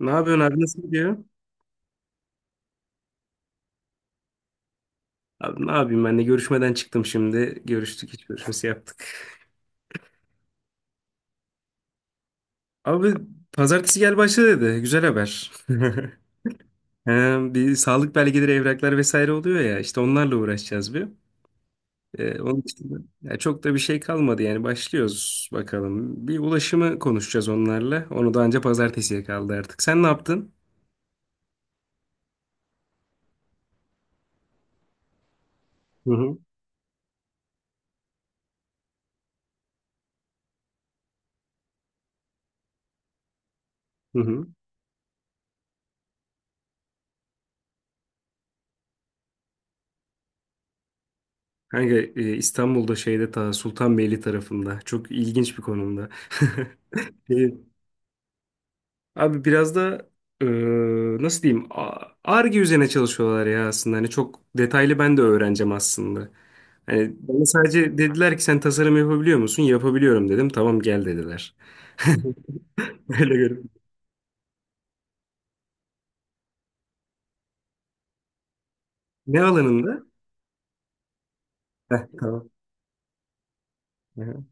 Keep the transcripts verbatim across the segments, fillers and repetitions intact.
Ne yapıyorsun abi, nasıl gidiyor? Abi ne yapayım, ben de görüşmeden çıktım şimdi. Görüştük, hiç görüşmesi yaptık. Abi pazartesi gel başla dedi. Güzel haber. He, bir sağlık belgeleri, evraklar vesaire oluyor ya. İşte onlarla uğraşacağız bir. Ee, onun için de- ya çok da bir şey kalmadı yani, başlıyoruz bakalım. Bir ulaşımı konuşacağız onlarla. Onu da anca pazartesiye kaldı artık. Sen ne yaptın? Hı hı. Hı hı. Kanka e, İstanbul'da şeyde ta Sultanbeyli tarafında, çok ilginç bir konumda. Abi biraz da eee, nasıl diyeyim, ar üzerine çalışıyorlar ya aslında. Hani çok detaylı, ben de öğreneceğim aslında. Hani bana sadece dediler ki, sen tasarım yapabiliyor musun? Yapabiliyorum dedim. Tamam gel dediler. Öyle görünüyor. Ne alanında? Heh, tamam. Hı hı.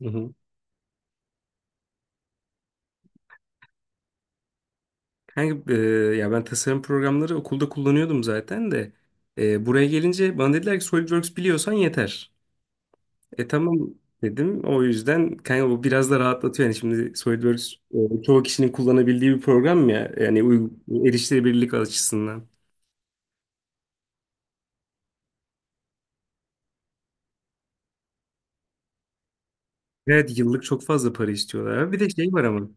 Hı. Kanka, eee, ya ben tasarım programları okulda kullanıyordum zaten de. Eee, buraya gelince bana dediler ki SolidWorks biliyorsan yeter. E tamam dedim. O yüzden kanka bu biraz da rahatlatıyor. Yani şimdi SolidWorks e, çoğu kişinin kullanabildiği bir program ya. Yani uy- erişilebilirlik açısından. Evet, yıllık çok fazla para istiyorlar. Bir de şey var ama.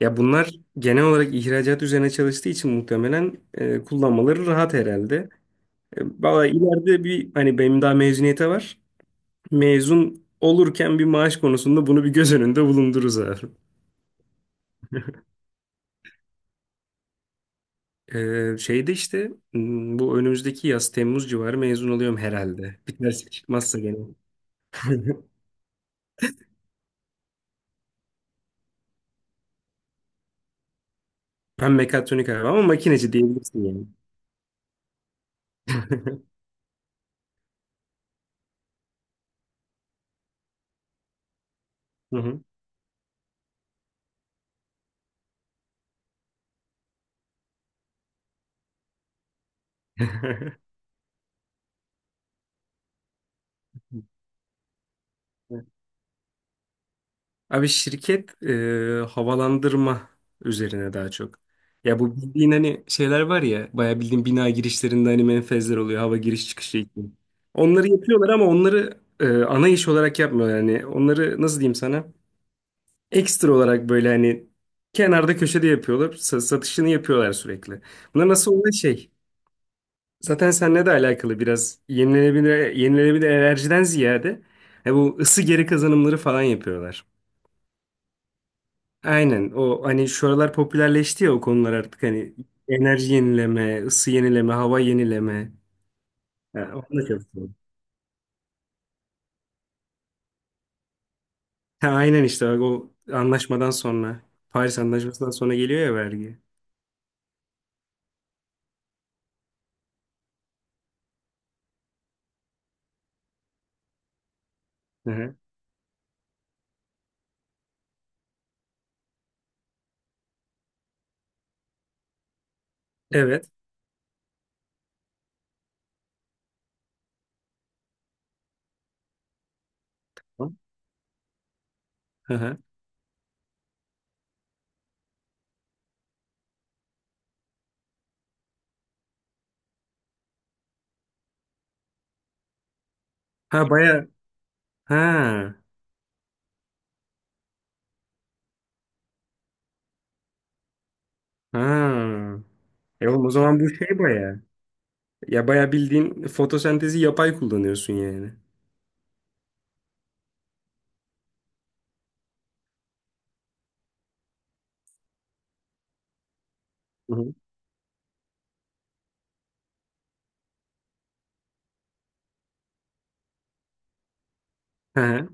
Ya bunlar genel olarak ihracat üzerine çalıştığı için muhtemelen e, kullanmaları rahat herhalde. E, Valla ileride bir hani, benim daha mezuniyete var. Mezun olurken bir maaş konusunda bunu bir göz önünde bulundururuz abi. Ee, şeyde işte m, bu önümüzdeki yaz Temmuz civarı mezun oluyorum herhalde. Bir terslik çıkmazsa gene. Ben mekatronik abi, ama makineci diyebilirsin yani. Hı hı. Abi şirket e, havalandırma üzerine daha çok. Ya bu bildiğin hani şeyler var ya, bayağı bildiğin bina girişlerinde hani menfezler oluyor, hava giriş çıkışı için. Onları yapıyorlar ama onları e, ana iş olarak yapmıyorlar yani. Onları nasıl diyeyim sana? Ekstra olarak böyle hani kenarda köşede yapıyorlar. Sa- satışını yapıyorlar sürekli. Buna nasıl oluyor şey? Zaten seninle de alakalı biraz, yenilenebilir, yenilenebilir enerjiden ziyade e, bu ısı geri kazanımları falan yapıyorlar. Aynen, o hani şu aralar popülerleşti ya o konular artık hani, enerji yenileme, ısı yenileme, hava yenileme. Ha, onu da çok seviyorum. Ha, aynen işte bak, o anlaşmadan sonra, Paris Anlaşması'ndan sonra geliyor ya vergi. Hı hı. Evet. Hı hı. Ha baya. Ha. Ha. E oğlum o zaman bu şey baya. Ya baya bildiğin fotosentezi yapay kullanıyorsun yani. Hı hı. Hı hı.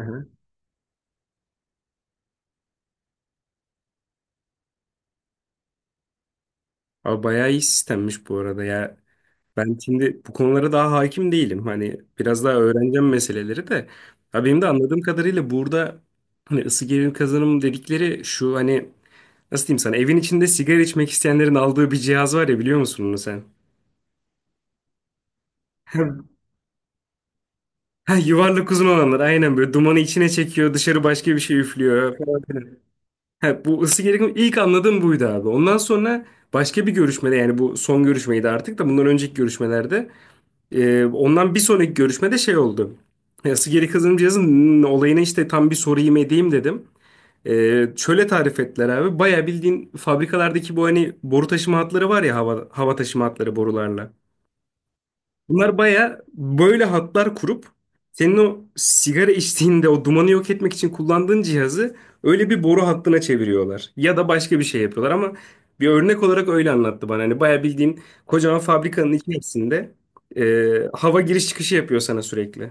Hı hı. Abi bayağı iyi sistemmiş bu arada ya. Ben şimdi bu konulara daha hakim değilim. Hani biraz daha öğreneceğim meseleleri de. Abi benim de anladığım kadarıyla burada hani ısı gerilim kazanım dedikleri şu hani, nasıl diyeyim sana, evin içinde sigara içmek isteyenlerin aldığı bir cihaz var ya, biliyor musun onu sen? Ha, yuvarlak uzun olanlar, aynen böyle dumanı içine çekiyor, dışarı başka bir şey üflüyor. He, bu ısı gerilimi ilk anladığım buydu abi. Ondan sonra başka bir görüşmede, yani bu son görüşmeydi artık da, bundan önceki görüşmelerde, e, ondan bir sonraki görüşmede şey oldu. E, Isı geri kazanım cihazının olayına işte tam bir sorayım edeyim dedim. E, şöyle tarif ettiler abi. Baya bildiğin fabrikalardaki bu hani boru taşıma hatları var ya, hava, hava taşıma hatları borularla. Bunlar baya böyle hatlar kurup senin o sigara içtiğinde o dumanı yok etmek için kullandığın cihazı öyle bir boru hattına çeviriyorlar. Ya da başka bir şey yapıyorlar ama bir örnek olarak öyle anlattı bana. Hani baya bildiğin kocaman fabrikanın içerisinde e, hava giriş çıkışı yapıyor sana sürekli.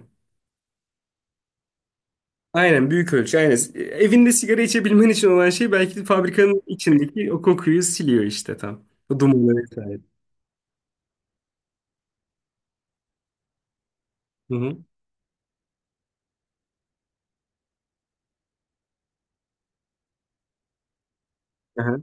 Aynen, büyük ölçü aynen. E, Evinde sigara içebilmen için olan şey belki de fabrikanın içindeki o kokuyu siliyor işte tam. O dumanı vesaire. Hı hı. Aha,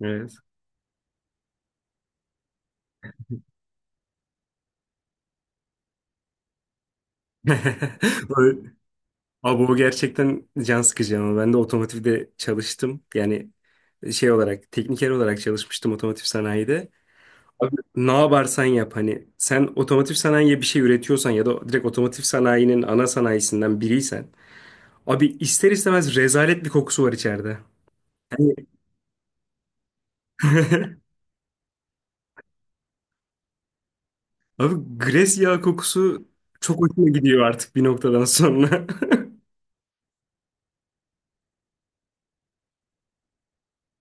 evet. Böyle. Abi o gerçekten can sıkıcı ama ben de otomotivde çalıştım. Yani şey olarak, tekniker olarak çalışmıştım otomotiv sanayide. Abi, ne yaparsan yap, hani sen otomotiv sanayiye bir şey üretiyorsan ya da direkt otomotiv sanayinin ana sanayisinden biriysen abi, ister istemez rezalet bir kokusu var içeride. Yani abi gres yağı kokusu çok hoşuma gidiyor artık bir noktadan sonra.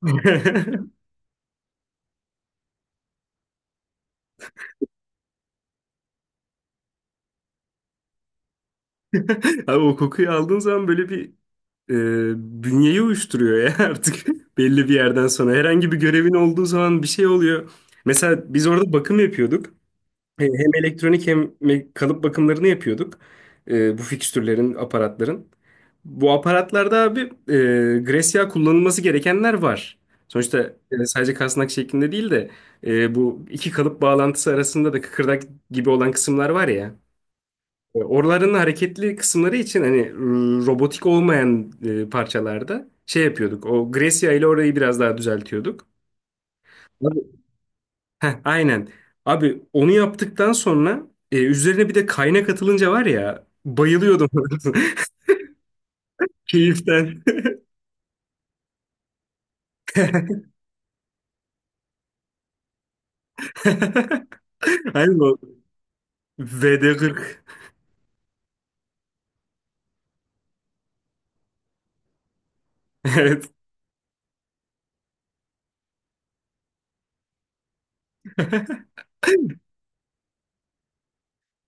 Abi o kokuyu aldığın zaman böyle bir, e, bünyeyi uyuşturuyor ya artık, belli bir yerden sonra. Herhangi bir görevin olduğu zaman bir şey oluyor. Mesela biz orada bakım yapıyorduk. E, Hem elektronik hem me- kalıp bakımlarını yapıyorduk. E, bu fikstürlerin, aparatların. Bu aparatlarda abi, e, Grecia kullanılması gerekenler var. Sonuçta e, sadece kasnak şeklinde değil de e, bu iki kalıp bağlantısı arasında da kıkırdak gibi olan kısımlar var ya. E, Oraların hareketli kısımları için hani r- robotik olmayan e, parçalarda şey yapıyorduk. O Gracia ile orayı biraz daha düzeltiyorduk. Abi, heh, aynen. Abi onu yaptıktan sonra e, üzerine bir de kaynak atılınca var ya, bayılıyordum keyiften. Aynen o. V D kırk.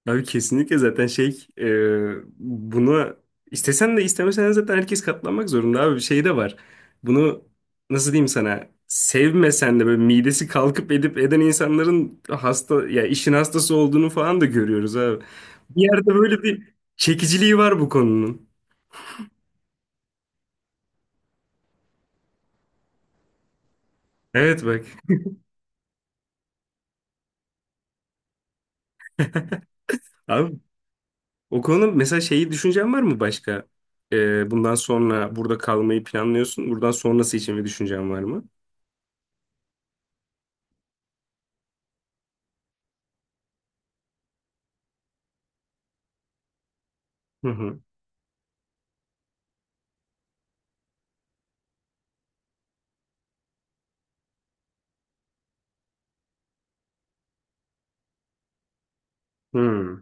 Abi kesinlikle, zaten şey, e, buna istesen de istemesen de zaten herkes katlanmak zorunda abi, bir şey de var. Bunu, nasıl diyeyim sana, sevmesen de böyle midesi kalkıp edip eden insanların hasta ya, işin hastası olduğunu falan da görüyoruz abi. Bir yerde böyle bir çekiciliği var bu konunun. Evet bak abi, o konuda mesela şeyi, düşüncen var mı başka? E, bundan sonra burada kalmayı planlıyorsun. Buradan sonrası için bir düşüncen var mı? Hı hı. Hı.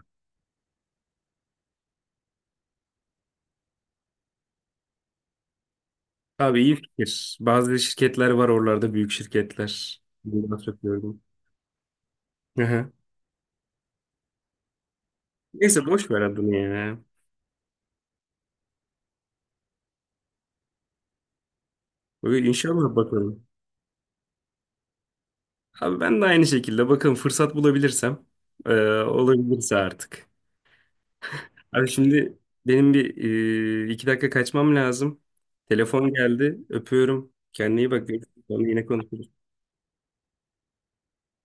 Abi iyi fikir. Bazı şirketler var oralarda, büyük şirketler. Bundan çok gördüm. Hı hı. Neyse boş ver adını ya. Böyle İnşallah bakalım. Abi ben de aynı şekilde bakın, fırsat bulabilirsem e, olabilirse artık. Abi şimdi benim bir, e, iki dakika kaçmam lazım. Telefon geldi. Öpüyorum. Kendine iyi bak. Sonra yine konuşuruz.